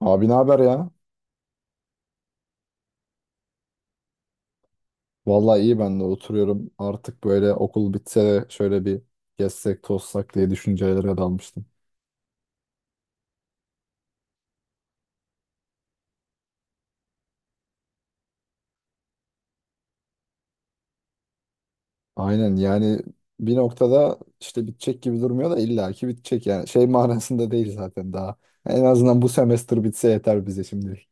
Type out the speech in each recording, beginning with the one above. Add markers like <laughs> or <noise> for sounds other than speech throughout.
Abi ne haber ya? Vallahi iyi ben de oturuyorum. Artık böyle okul bitse de şöyle bir gezsek tozsak diye düşüncelere dalmıştım. Aynen yani bir noktada işte bitecek gibi durmuyor da illaki bitecek yani. Şey <laughs> manasında değil zaten daha. En azından bu semester bitse yeter bize şimdi.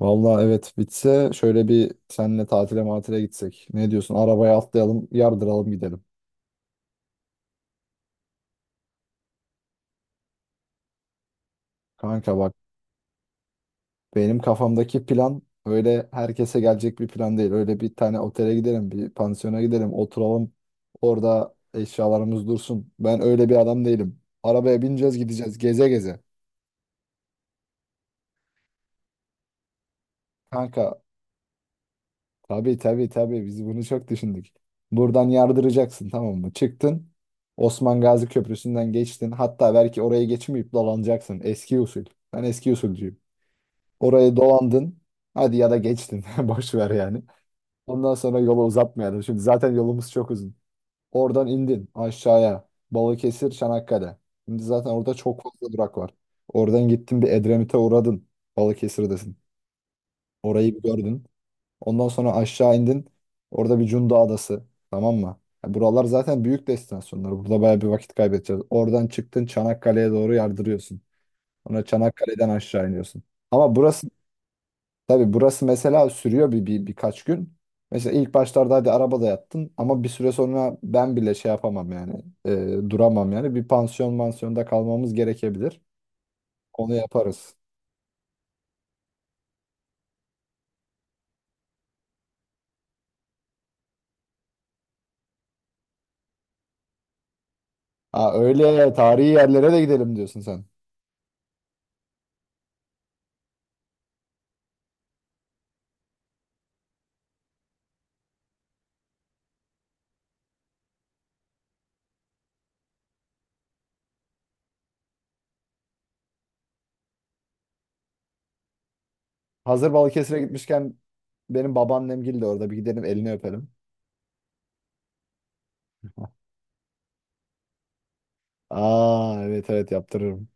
Vallahi evet bitse şöyle bir seninle tatile matile gitsek. Ne diyorsun? Arabaya atlayalım, yardıralım gidelim. Kanka bak, benim kafamdaki plan öyle herkese gelecek bir plan değil. Öyle bir tane otele gidelim, bir pansiyona gidelim, oturalım. Orada eşyalarımız dursun. Ben öyle bir adam değilim. Arabaya bineceğiz, gideceğiz geze geze. Kanka tabii biz bunu çok düşündük. Buradan yardıracaksın, tamam mı? Çıktın. Osman Gazi Köprüsü'nden geçtin. Hatta belki orayı geçmeyip dolanacaksın. Eski usul. Ben eski usulcuyum. Orayı dolandın. Hadi ya da geçtin. <laughs> Boş ver yani. Ondan sonra yolu uzatmayalım. Şimdi zaten yolumuz çok uzun. Oradan indin aşağıya. Balıkesir, Çanakkale. Şimdi zaten orada çok fazla durak var. Oradan gittin bir Edremit'e uğradın. Balıkesir'desin. Orayı bir gördün. Ondan sonra aşağı indin. Orada bir Cunda Adası. Tamam mı? Ya buralar zaten büyük destinasyonlar. Burada bayağı bir vakit kaybedeceğiz. Oradan çıktın Çanakkale'ye doğru yardırıyorsun. Sonra Çanakkale'den aşağı iniyorsun. Ama burası, tabii burası mesela sürüyor bir birkaç gün. Mesela ilk başlarda hadi arabada yattın ama bir süre sonra ben bile şey yapamam yani duramam yani bir pansiyon mansiyonda kalmamız gerekebilir. Onu yaparız. Ha, öyle tarihi yerlere de gidelim diyorsun sen. Hazır Balıkesir'e gitmişken benim babaannemgil de orada, bir gidelim elini öpelim. <laughs> Aa, evet evet, yaptırırım.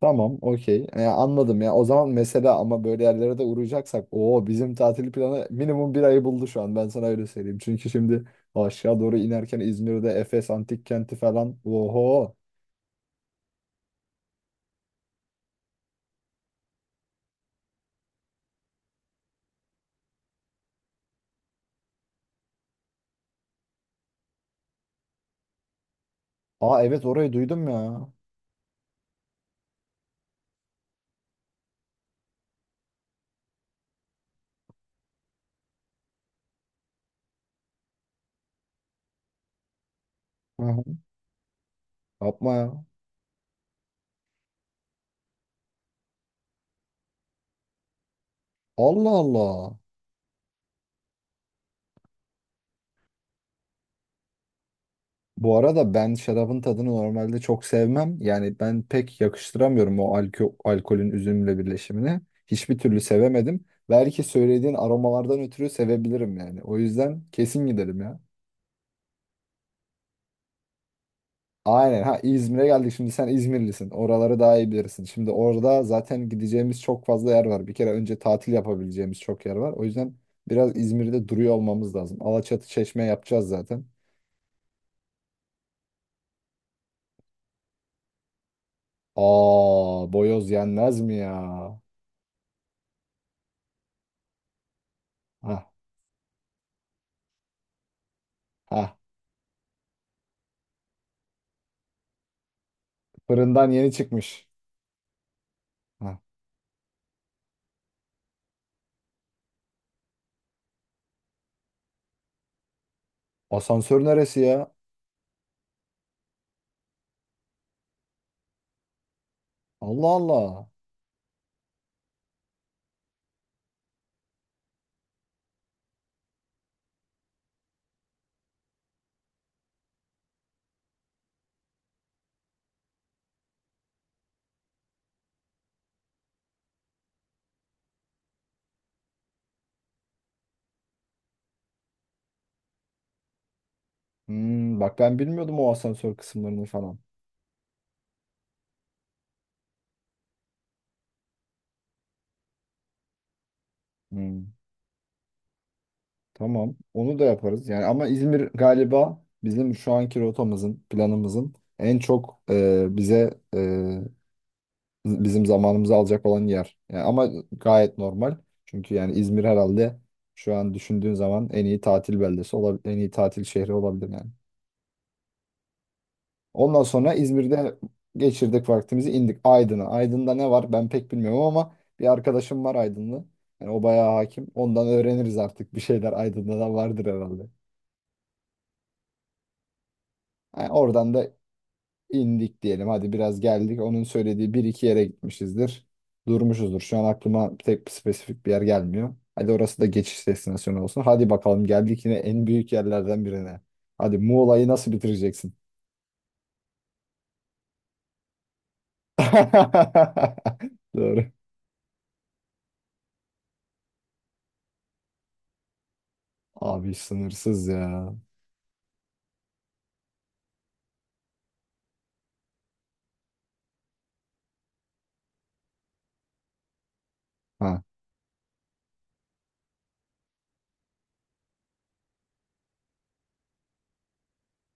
Tamam, okey. Anladım ya. O zaman mesela ama böyle yerlere de uğrayacaksak o bizim tatil planı minimum bir ayı buldu şu an. Ben sana öyle söyleyeyim. Çünkü şimdi aşağı doğru inerken İzmir'de Efes Antik Kenti falan. Oho. Aa, evet, orayı duydum ya. Hı hı. Yapma ya. Allah Allah. Bu arada ben şarabın tadını normalde çok sevmem. Yani ben pek yakıştıramıyorum o alkolün üzümle birleşimini. Hiçbir türlü sevemedim. Belki söylediğin aromalardan ötürü sevebilirim yani. O yüzden kesin gidelim ya. Aynen, ha, İzmir'e geldik, şimdi sen İzmirlisin, oraları daha iyi bilirsin. Şimdi orada zaten gideceğimiz çok fazla yer var. Bir kere önce tatil yapabileceğimiz çok yer var. O yüzden biraz İzmir'de duruyor olmamız lazım. Alaçatı Çeşme yapacağız zaten. Aa, boyoz yenmez mi ya? Ha ha, fırından yeni çıkmış. Ha. Asansör neresi ya? Allah Allah. Hmm, bak, ben bilmiyordum o asansör kısımlarını falan. Hmm. Tamam. Onu da yaparız. Yani ama İzmir galiba bizim şu anki rotamızın, planımızın en çok bize bizim zamanımızı alacak olan yer. Yani ama gayet normal. Çünkü yani İzmir herhalde şu an düşündüğün zaman en iyi tatil beldesi olabilir, en iyi tatil şehri olabilir yani. Ondan sonra İzmir'de geçirdik vaktimizi, indik Aydın'a. Aydın'da ne var ben pek bilmiyorum ama bir arkadaşım var Aydınlı. Yani o bayağı hakim. Ondan öğreniriz artık bir şeyler, Aydın'da da vardır herhalde. Yani oradan da indik diyelim. Hadi biraz geldik. Onun söylediği bir iki yere gitmişizdir. Durmuşuzdur. Şu an aklıma tek bir spesifik bir yer gelmiyor. Hadi orası da geçiş destinasyonu olsun. Hadi bakalım, geldik yine en büyük yerlerden birine. Hadi Muğla'yı nasıl bitireceksin? <laughs> Doğru. Abi sınırsız ya. Ha,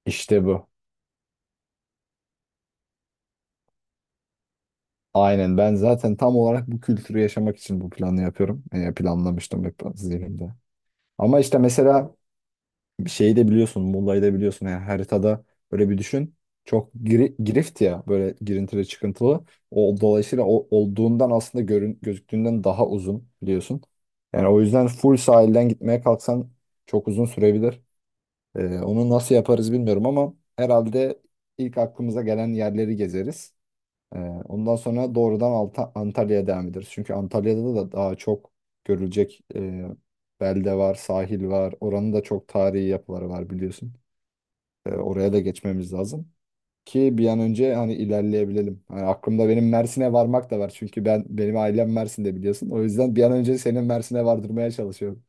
işte bu. Aynen, ben zaten tam olarak bu kültürü yaşamak için bu planı yapıyorum. Yani planlamıştım hep zihnimde. Ama işte mesela bir şeyi de biliyorsun. Muğla'yı da biliyorsun. Yani haritada böyle bir düşün. Çok girift ya, böyle girintili çıkıntılı. Dolayısıyla olduğundan aslında gözüktüğünden daha uzun biliyorsun. Yani o yüzden full sahilden gitmeye kalksan çok uzun sürebilir. Onu nasıl yaparız bilmiyorum ama herhalde ilk aklımıza gelen yerleri gezeriz. Ee, ondan sonra doğrudan Antalya'ya devam ederiz. Çünkü Antalya'da da daha çok görülecek belde var, sahil var. Oranın da çok tarihi yapıları var biliyorsun. Oraya da geçmemiz lazım ki bir an önce hani ilerleyebilelim. Hani aklımda benim Mersin'e varmak da var. Çünkü benim ailem Mersin'de biliyorsun. O yüzden bir an önce senin Mersin'e vardırmaya çalışıyorum.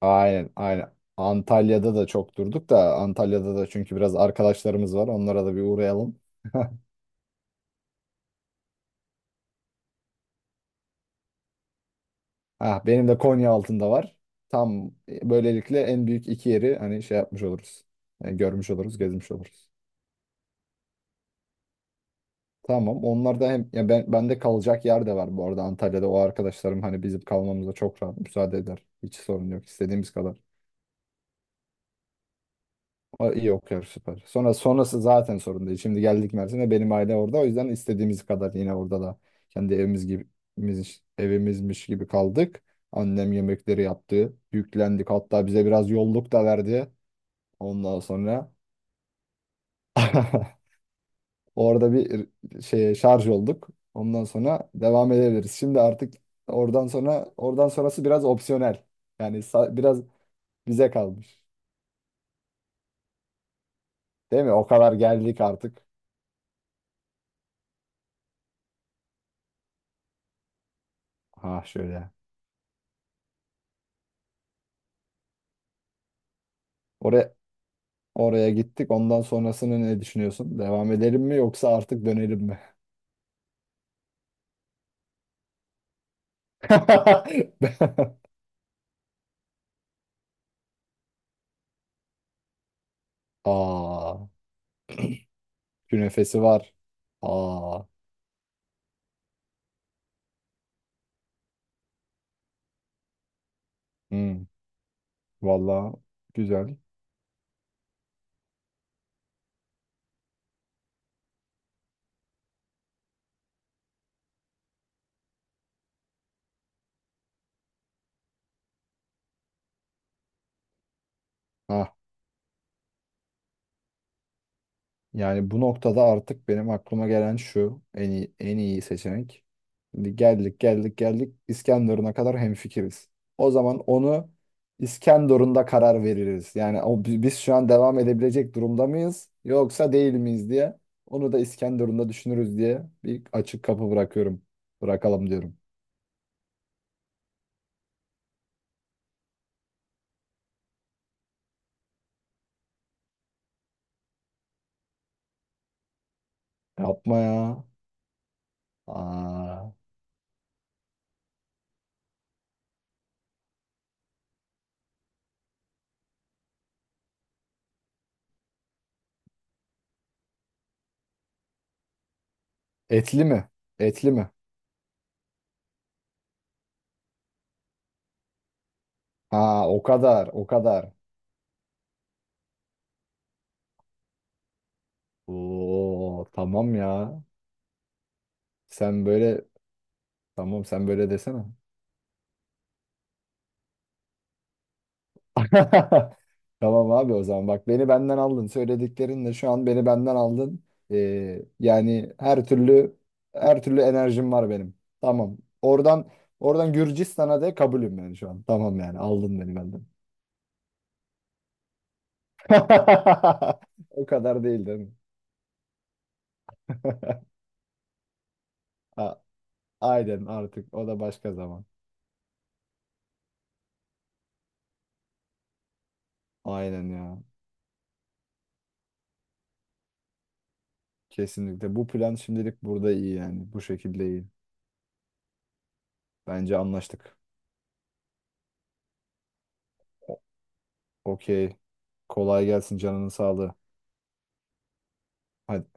Aynen, aynen. Antalya'da da çok durduk da Antalya'da da çünkü biraz arkadaşlarımız var. Onlara da bir uğrayalım. <laughs> Ah, benim de Konya altında var. Tam böylelikle en büyük iki yeri hani şey yapmış oluruz. Yani görmüş oluruz, gezmiş oluruz. Tamam. Onlar da hem ya ben, bende kalacak yer de var bu arada Antalya'da. O arkadaşlarım hani bizim kalmamıza çok rahat müsaade eder. Hiç sorun yok, istediğimiz kadar. O iyi okuyor, süper. Sonra sonrası zaten sorun değil. Şimdi geldik Mersin'e, benim aile orada. O yüzden istediğimiz kadar yine orada da kendi evimiz gibi, evimizmiş gibi kaldık. Annem yemekleri yaptı. Yüklendik. Hatta bize biraz yolluk da verdi. Ondan sonra <laughs> orada bir şarj olduk. Ondan sonra devam edebiliriz. Şimdi artık oradan sonrası biraz opsiyonel. Yani biraz bize kalmış. Değil mi? O kadar geldik artık. Ha şöyle. Oraya oraya gittik. Ondan sonrasını ne düşünüyorsun? Devam edelim mi yoksa artık dönelim mi? <laughs> Aa, künefesi var. Aa, hmm, vallahi güzel. Ha. Yani bu noktada artık benim aklıma gelen şu en iyi, en iyi seçenek. Şimdi geldik İskenderun'a kadar hemfikiriz. O zaman onu İskenderun'da karar veririz. Yani biz şu an devam edebilecek durumda mıyız yoksa değil miyiz diye. Onu da İskenderun'da düşünürüz diye bir açık kapı bırakıyorum. Bırakalım diyorum. Yapma ya. Aa, etli mi? Etli mi? Ha, o kadar o kadar. Oo, tamam ya. Sen böyle, tamam sen böyle desene. <laughs> Tamam abi, o zaman bak, beni benden aldın söylediklerinle, şu an beni benden aldın. Yani her türlü enerjim var benim. Tamam. Oradan Gürcistan'a de kabulüm yani şu an. Tamam yani aldın beni benden. <laughs> O kadar değil değil mi? <laughs> A- Aynen, artık o da başka zaman. Aynen ya. Kesinlikle bu plan şimdilik burada iyi yani. Bu şekilde iyi. Bence anlaştık. O- Okey. Kolay gelsin, canının sağlığı. Hadi,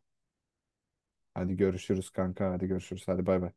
hadi görüşürüz kanka. Hadi görüşürüz. Hadi bay bay.